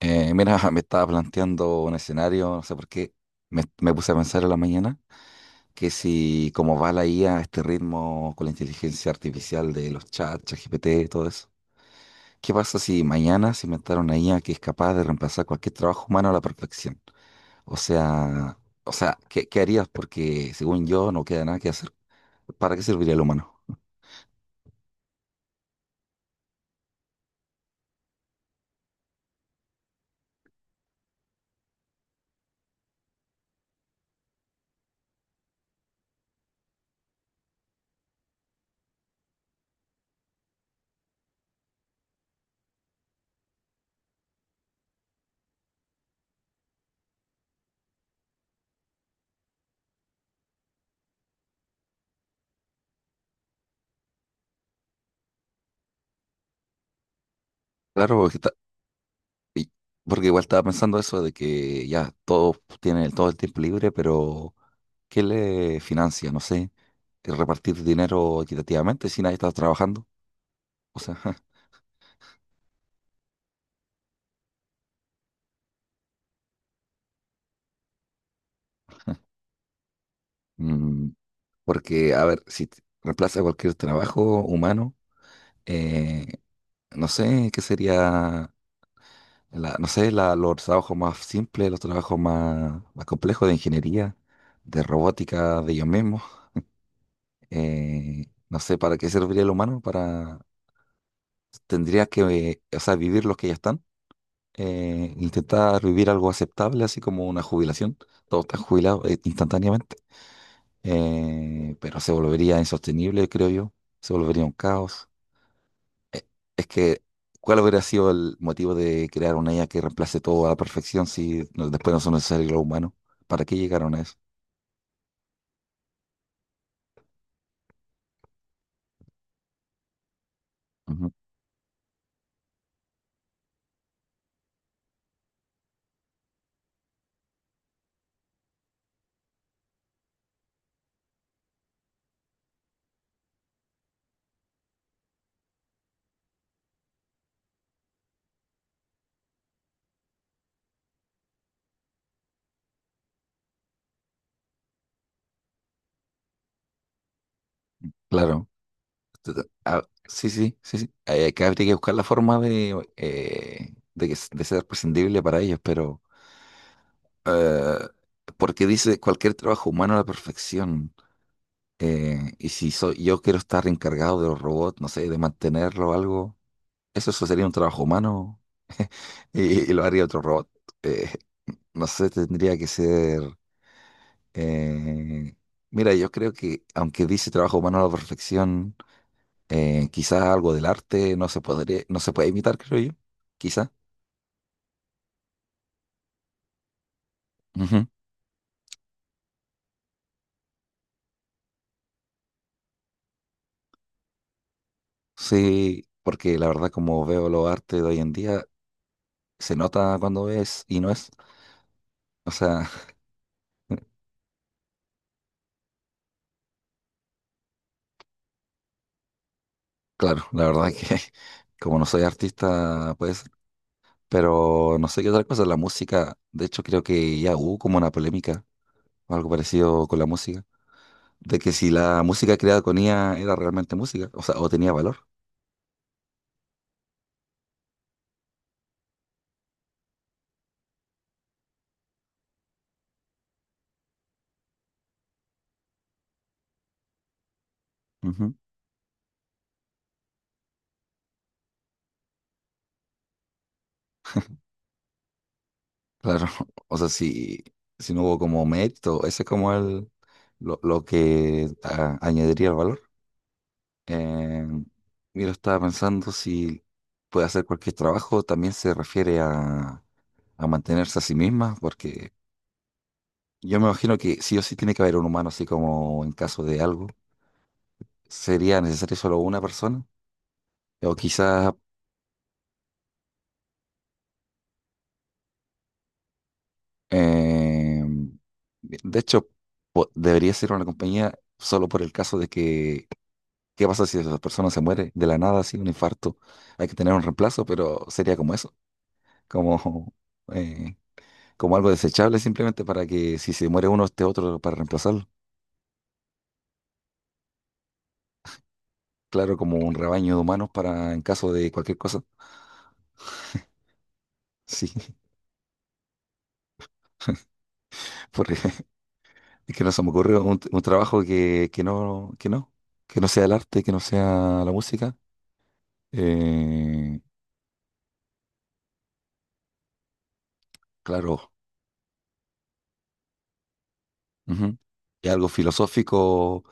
Mira, me estaba planteando un escenario, no sé por qué, me puse a pensar en la mañana que si como va la IA a este ritmo con la inteligencia artificial de los chats, ChatGPT, todo eso. ¿Qué pasa si mañana se inventara una IA que es capaz de reemplazar cualquier trabajo humano a la perfección? O sea, o sea, ¿qué harías? Porque según yo no queda nada que hacer. ¿Para qué serviría el humano? Claro, porque igual estaba pensando eso de que ya todos tienen todo el tiempo libre, pero ¿qué le financia? No sé, el repartir dinero equitativamente si nadie está trabajando. O sea, mm, porque, a ver, si t- reemplaza cualquier trabajo humano, eh, no sé qué sería, no sé, los trabajos más simples, los trabajos más complejos de ingeniería, de robótica, de ellos mismos. No sé, ¿para qué serviría el humano? Para, tendría que, o sea, vivir los que ya están. Intentar vivir algo aceptable, así como una jubilación. Todos están jubilados instantáneamente, pero se volvería insostenible, creo yo. Se volvería un caos. Eh, es que, ¿cuál hubiera sido el motivo de crear una IA que reemplace todo a la perfección después no son necesarios los humanos? ¿Para qué llegaron a eso? Ujú. Claro. Entonces, ah, sí, sí, sí, sí. Que habría que buscar la forma de, de ser prescindible para ellos, pero Eh, porque dice cualquier trabajo humano a la perfección. Y si soy, yo quiero estar encargado de los robots, no sé, de mantenerlo o algo, eso sería un trabajo humano y lo haría otro robot. Eh, no sé, tendría que ser... eh, mira, yo creo que aunque dice trabajo humano a la perfección, quizás algo del arte no se podría, no se puede imitar, creo yo. Quizá. Ujú. Sí, porque la verdad como veo los artes de hoy en día, se nota cuando es y no es. O sea, claro, la verdad que como no soy artista, pues, pero no sé qué otra cosa, la música, de hecho creo que ya hubo como una polémica o algo parecido con la música, de que si la música creada con IA era realmente música, o sea, o tenía valor. Ujú. Claro, o sea, si, si no hubo como mérito, ese es como el, lo, añadiría el valor. Eh, mira, estaba pensando si puede hacer cualquier trabajo, también se refiere a mantenerse a sí mismas, porque yo me imagino que sí o sí tiene que haber un humano, así como en caso de algo, sería necesario solo una persona, o quizás, eh, de hecho, debería ser una compañía solo por el caso de que, ¿qué pasa si esa persona se muere de la nada, así un infarto? Hay que tener un reemplazo, pero sería como eso, como, eh, como algo desechable simplemente para que si se muere uno, esté otro para reemplazarlo. Claro, como un rebaño de humanos para en caso de cualquier cosa. Sí. Porque es que no se me ocurre un trabajo que, que no sea el arte, que no sea la música. Eh, claro, ujú. Y algo filosófico,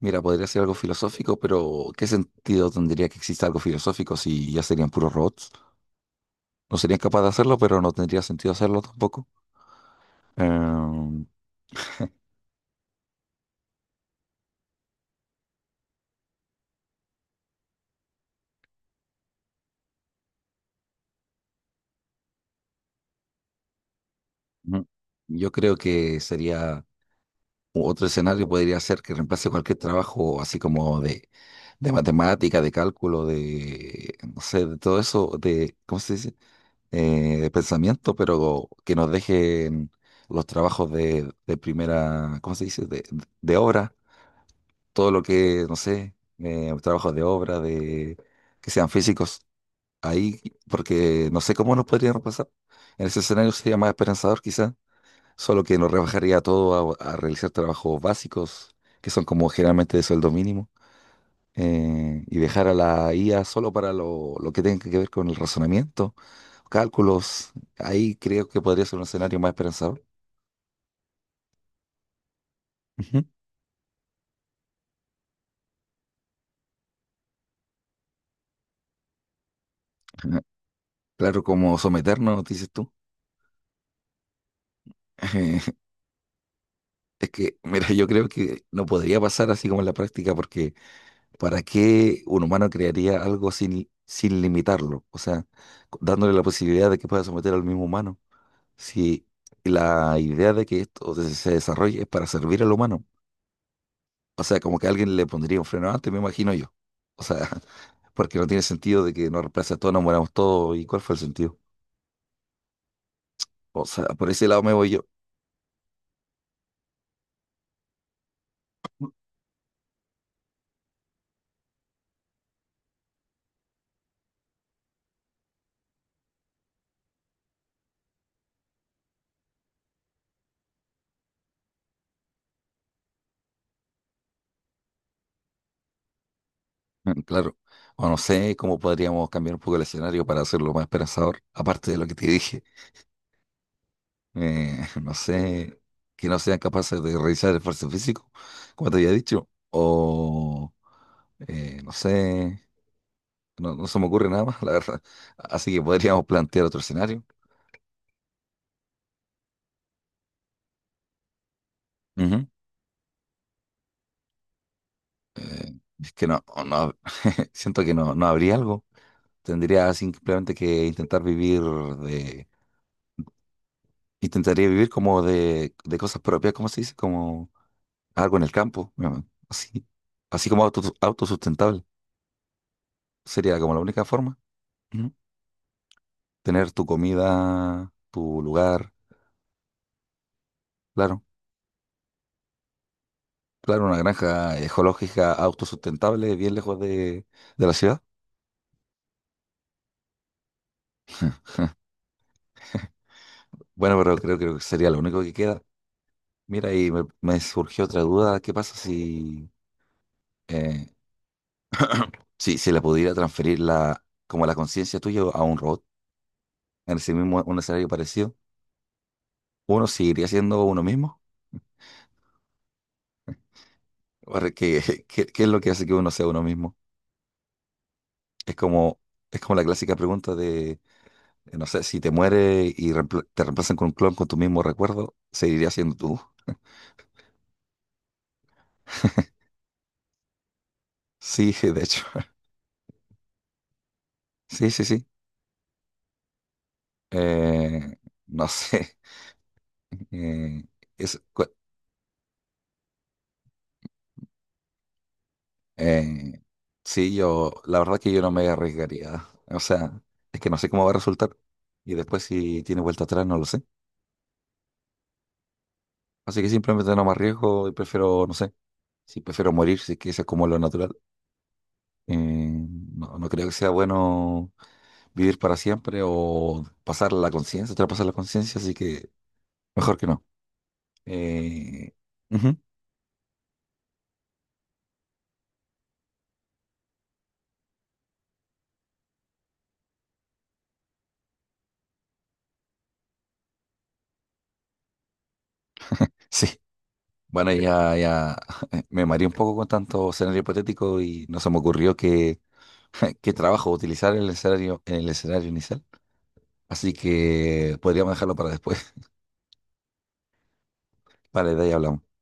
mira, podría ser algo filosófico, pero ¿qué sentido tendría que exista algo filosófico si ya serían puros robots? No serían capaces de hacerlo, pero no tendría sentido hacerlo tampoco. Eh, ujú. Yo creo que sería. Otro escenario podría ser que reemplace cualquier trabajo así como de matemática, de cálculo, de, no sé, de todo eso, de, ¿cómo se dice? De pensamiento, pero que nos dejen los trabajos de primera, ¿cómo se dice? De obra, todo lo que, no sé, trabajos de obra, de, que sean físicos, ahí, porque no sé cómo nos podrían reemplazar. En ese escenario sería más esperanzador quizás, solo que nos rebajaría todo a realizar trabajos básicos, que son como generalmente de sueldo mínimo, y dejar a la IA solo para lo que tenga que ver con el razonamiento, cálculos. Ahí creo que podría ser un escenario más esperanzador. Ujú. Ajá. Claro, como someternos, dices tú. Es que, mira, yo creo que no podría pasar así como en la práctica, porque ¿para qué un humano crearía algo sin limitarlo? O sea, dándole la posibilidad de que pueda someter al mismo humano. Si la idea de que esto se desarrolle es para servir al humano. O sea, como que alguien le pondría un freno antes, me imagino yo. O sea, porque no tiene sentido de que nos reemplace a todos, nos moramos todos. ¿Y cuál fue el sentido? O sea, por ese lado me voy yo. Mm, claro. O no sé cómo podríamos cambiar un poco el escenario para hacerlo más esperanzador, aparte de lo que te dije. No sé, que no sean capaces de realizar el esfuerzo físico, como te había dicho. O, no sé. No, no se me ocurre nada más, la verdad. Así que podríamos plantear otro escenario. Ujú. Eh, es que no, no, siento que no, no habría algo. Tendría simplemente que intentar vivir de, intentaría vivir como de, cosas propias, ¿cómo se dice? Como algo en el campo, ¿no? Así, así como auto, autosustentable. Sería como la única forma. Ujú. Tener tu comida, tu lugar, claro. Claro, una granja ecológica autosustentable bien lejos de la ciudad. Bueno, pero creo, creo que sería lo único que queda. Mira, y me surgió otra duda. ¿Qué pasa si, eh, si la pudiera transferir la, como la conciencia tuya a un robot en ese mismo, un escenario parecido? ¿Uno seguiría siendo uno mismo? O ¿qué, qué es lo que hace que uno sea uno mismo? Es como, es como la clásica pregunta de, no sé, si te mueres y te reemplazan con un clon con tu mismo recuerdo, ¿seguirías siendo tú? Sí, de hecho. Sí, sí, sí. Eh, no sé. Eh, es- Eh, sí, yo, la verdad que yo no me arriesgaría. O sea, es que no sé cómo va a resultar. Y después si tiene vuelta atrás, no lo sé. Así que simplemente no me arriesgo y prefiero, no sé, si prefiero morir, si es que eso es como lo natural. No, no creo que sea bueno vivir para siempre o pasar la conciencia, traspasar la conciencia, así que mejor que no. Eh, ujú, sí. Bueno, ya, ya me mareé un poco con tanto escenario hipotético y no se me ocurrió que qué trabajo utilizar en el escenario inicial. Así que podríamos dejarlo para después. Vale, de ahí hablamos.